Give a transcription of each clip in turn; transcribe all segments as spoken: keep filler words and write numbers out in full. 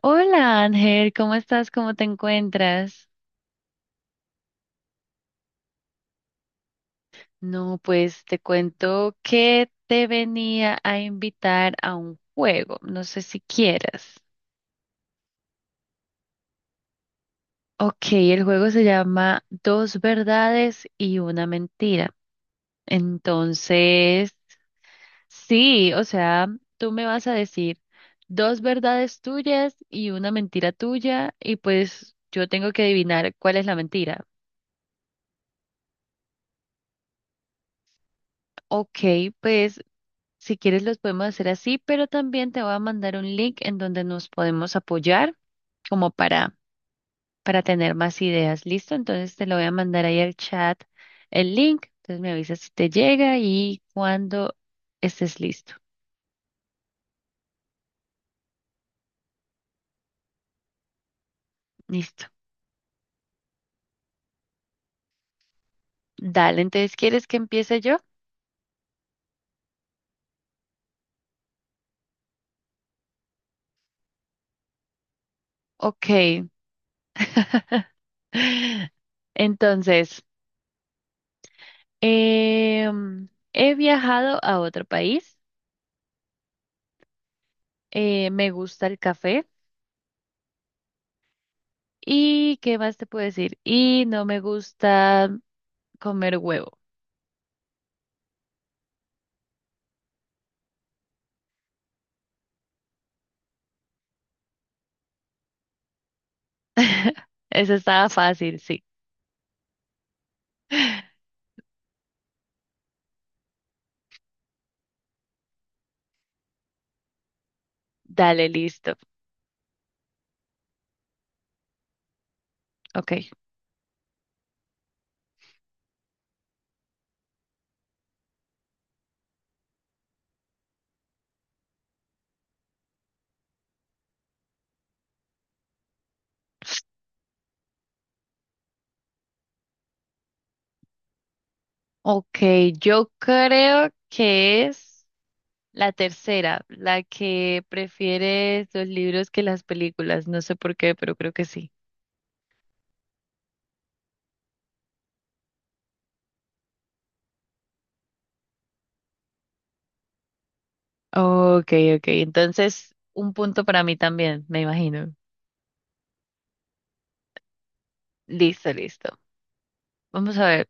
Hola Ángel, ¿cómo estás? ¿Cómo te encuentras? No, pues te cuento que te venía a invitar a un juego, no sé si quieras. Ok, el juego se llama Dos verdades y una mentira. Entonces, sí, o sea, tú me vas a decir dos verdades tuyas y una mentira tuya y pues yo tengo que adivinar cuál es la mentira. Ok, pues si quieres, los podemos hacer así, pero también te voy a mandar un link en donde nos podemos apoyar como para, para tener más ideas. ¿Listo? Entonces te lo voy a mandar ahí al chat el link. Entonces me avisas si te llega y cuando estés listo. Listo. Dale, entonces, ¿quieres que empiece yo? Ok. Entonces, em, he viajado a otro país. Eh, me gusta el café. ¿Y qué más te puedo decir? Y no me gusta comer huevo. Eso estaba fácil, sí. Dale, listo. Ok. Ok, yo creo que es la tercera, la que prefieres los libros que las películas. No sé por qué, pero creo que sí. Ok, ok. Entonces, un punto para mí también, me imagino. Listo, listo. Vamos a ver.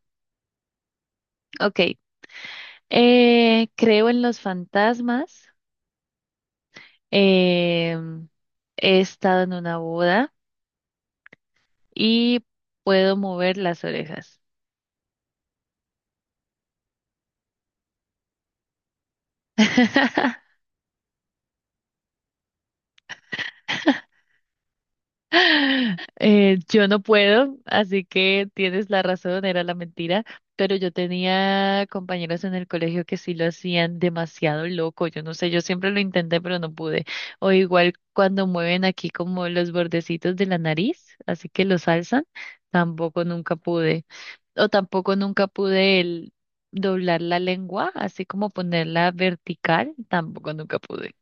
Ok. Eh, creo en los fantasmas. Eh, He estado en una boda y puedo mover las orejas. Eh, yo no puedo, así que tienes la razón, era la mentira, pero yo tenía compañeros en el colegio que sí lo hacían demasiado loco, yo no sé, yo siempre lo intenté, pero no pude. O igual cuando mueven aquí como los bordecitos de la nariz, así que los alzan, tampoco nunca pude. O tampoco nunca pude el doblar la lengua, así como ponerla vertical, tampoco nunca pude.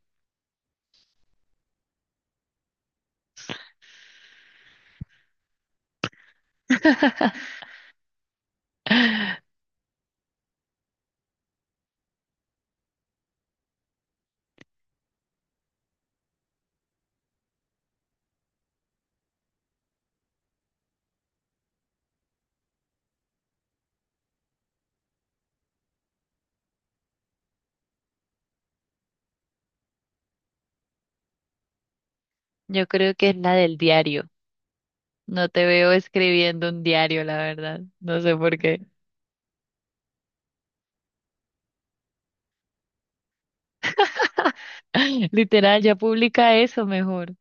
Yo creo que es la del diario. No te veo escribiendo un diario, la verdad. No sé por qué. Literal, ya publica eso mejor.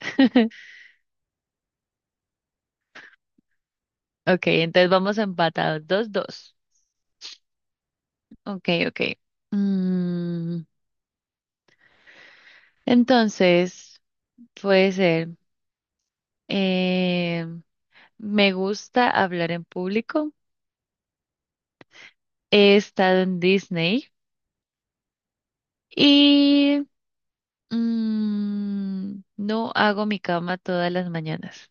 Ok, entonces vamos empatados. Dos, dos. Ok, ok. Mm, entonces, puede ser. eh, Me gusta hablar en público. He estado en Disney. Y mm, no hago mi cama todas las mañanas.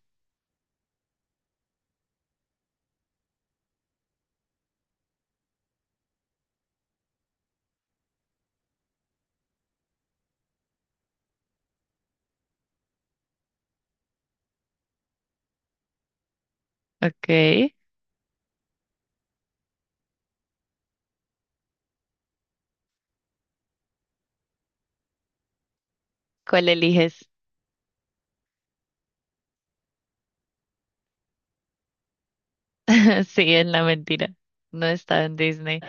Ok. ¿Cuál eliges? Sí, es la mentira. No está en Disney.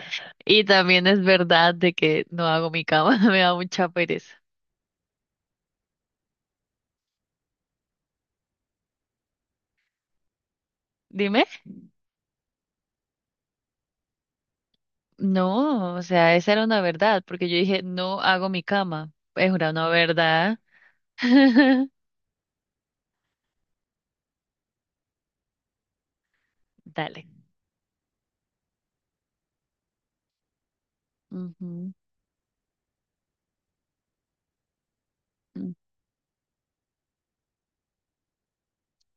Y también es verdad de que no hago mi cama. Me da mucha pereza. Dime. No, o sea, esa era una verdad, porque yo dije, no hago mi cama. Es una no verdad. Dale. Ujú.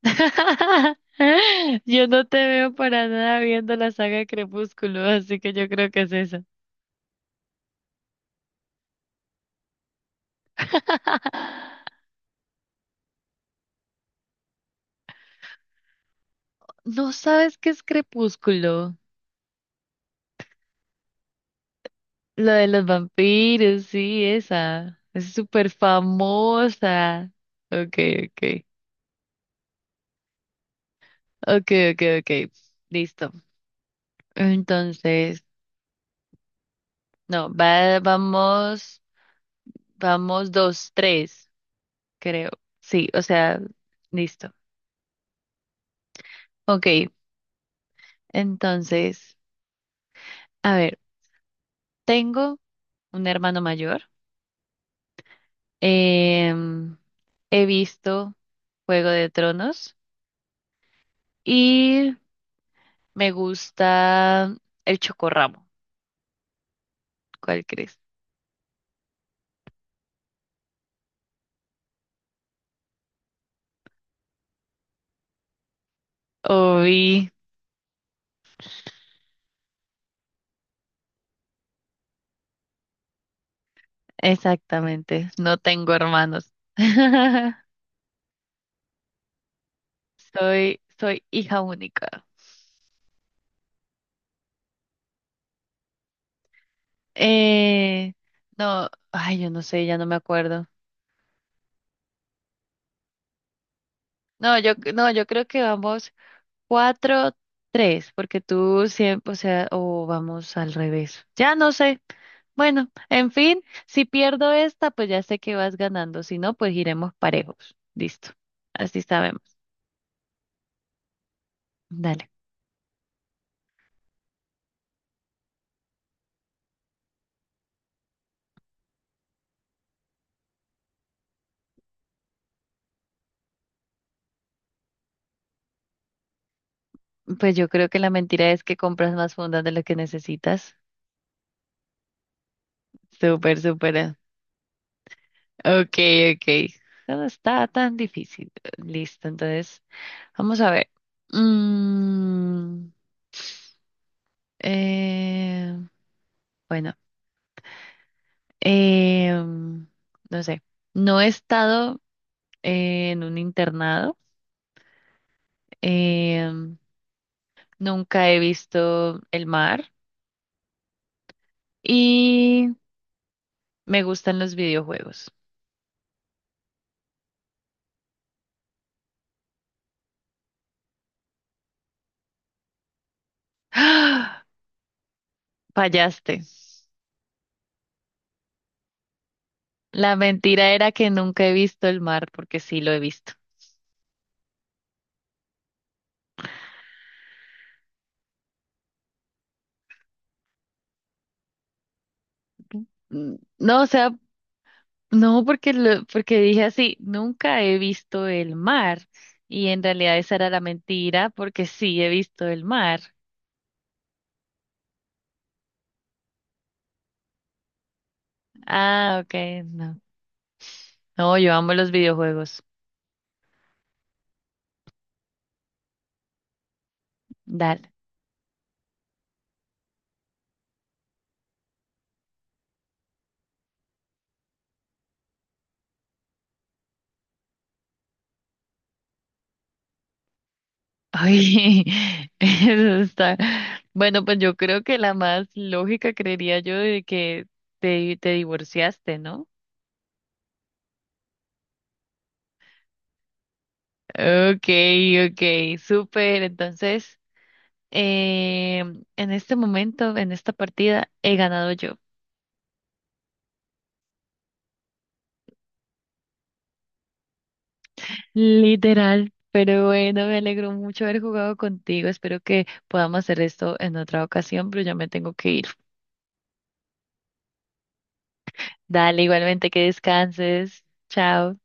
Yo no te veo para nada viendo la saga de Crepúsculo, así que yo creo que es esa. ¿No sabes qué es Crepúsculo? Lo de los vampiros, sí, esa. Es súper famosa. Ok, ok. Ok, ok, ok. Listo. Entonces, no, va, vamos, vamos dos, tres, creo. Sí, o sea, listo. Ok, entonces, a ver, tengo un hermano mayor. Em, He visto Juego de Tronos y me gusta El Chocorramo. ¿Cuál crees? Uy, exactamente. No tengo hermanos. Soy, soy hija única. Eh, no, ay, yo no sé, ya no me acuerdo. No, yo, no, yo creo que vamos cuatro, tres, porque tú siempre, o sea, o vamos al revés. Ya no sé. Bueno, en fin, si pierdo esta, pues ya sé que vas ganando. Si no, pues iremos parejos. Listo. Así sabemos. Dale. Pues yo creo que la mentira es que compras más fundas de lo que necesitas. Súper, súper. eh. Ok, ok. No está tan difícil. Listo, entonces, vamos a ver. Mm, eh, bueno, em, no sé. No he estado en un internado. em, Nunca he visto el mar y me gustan los videojuegos. ¡Ah! Fallaste. La mentira era que nunca he visto el mar porque sí lo he visto. Mm, no, o sea, no porque lo- porque dije así, nunca he visto el mar y en realidad esa era la mentira porque sí he visto el mar. Ah, ok, no. No, yo amo los videojuegos. Dale. Ay, eso está. Bueno, pues yo creo que la más lógica creería yo de que te, te divorciaste, ¿no? Okay, okay, súper. Entonces, eh, en este momento, en esta partida, he ganado yo. Literal. Pero bueno, me alegro mucho haber jugado contigo. Espero que podamos hacer esto en otra ocasión, pero ya me tengo que ir. Dale, igualmente que descanses. Chao.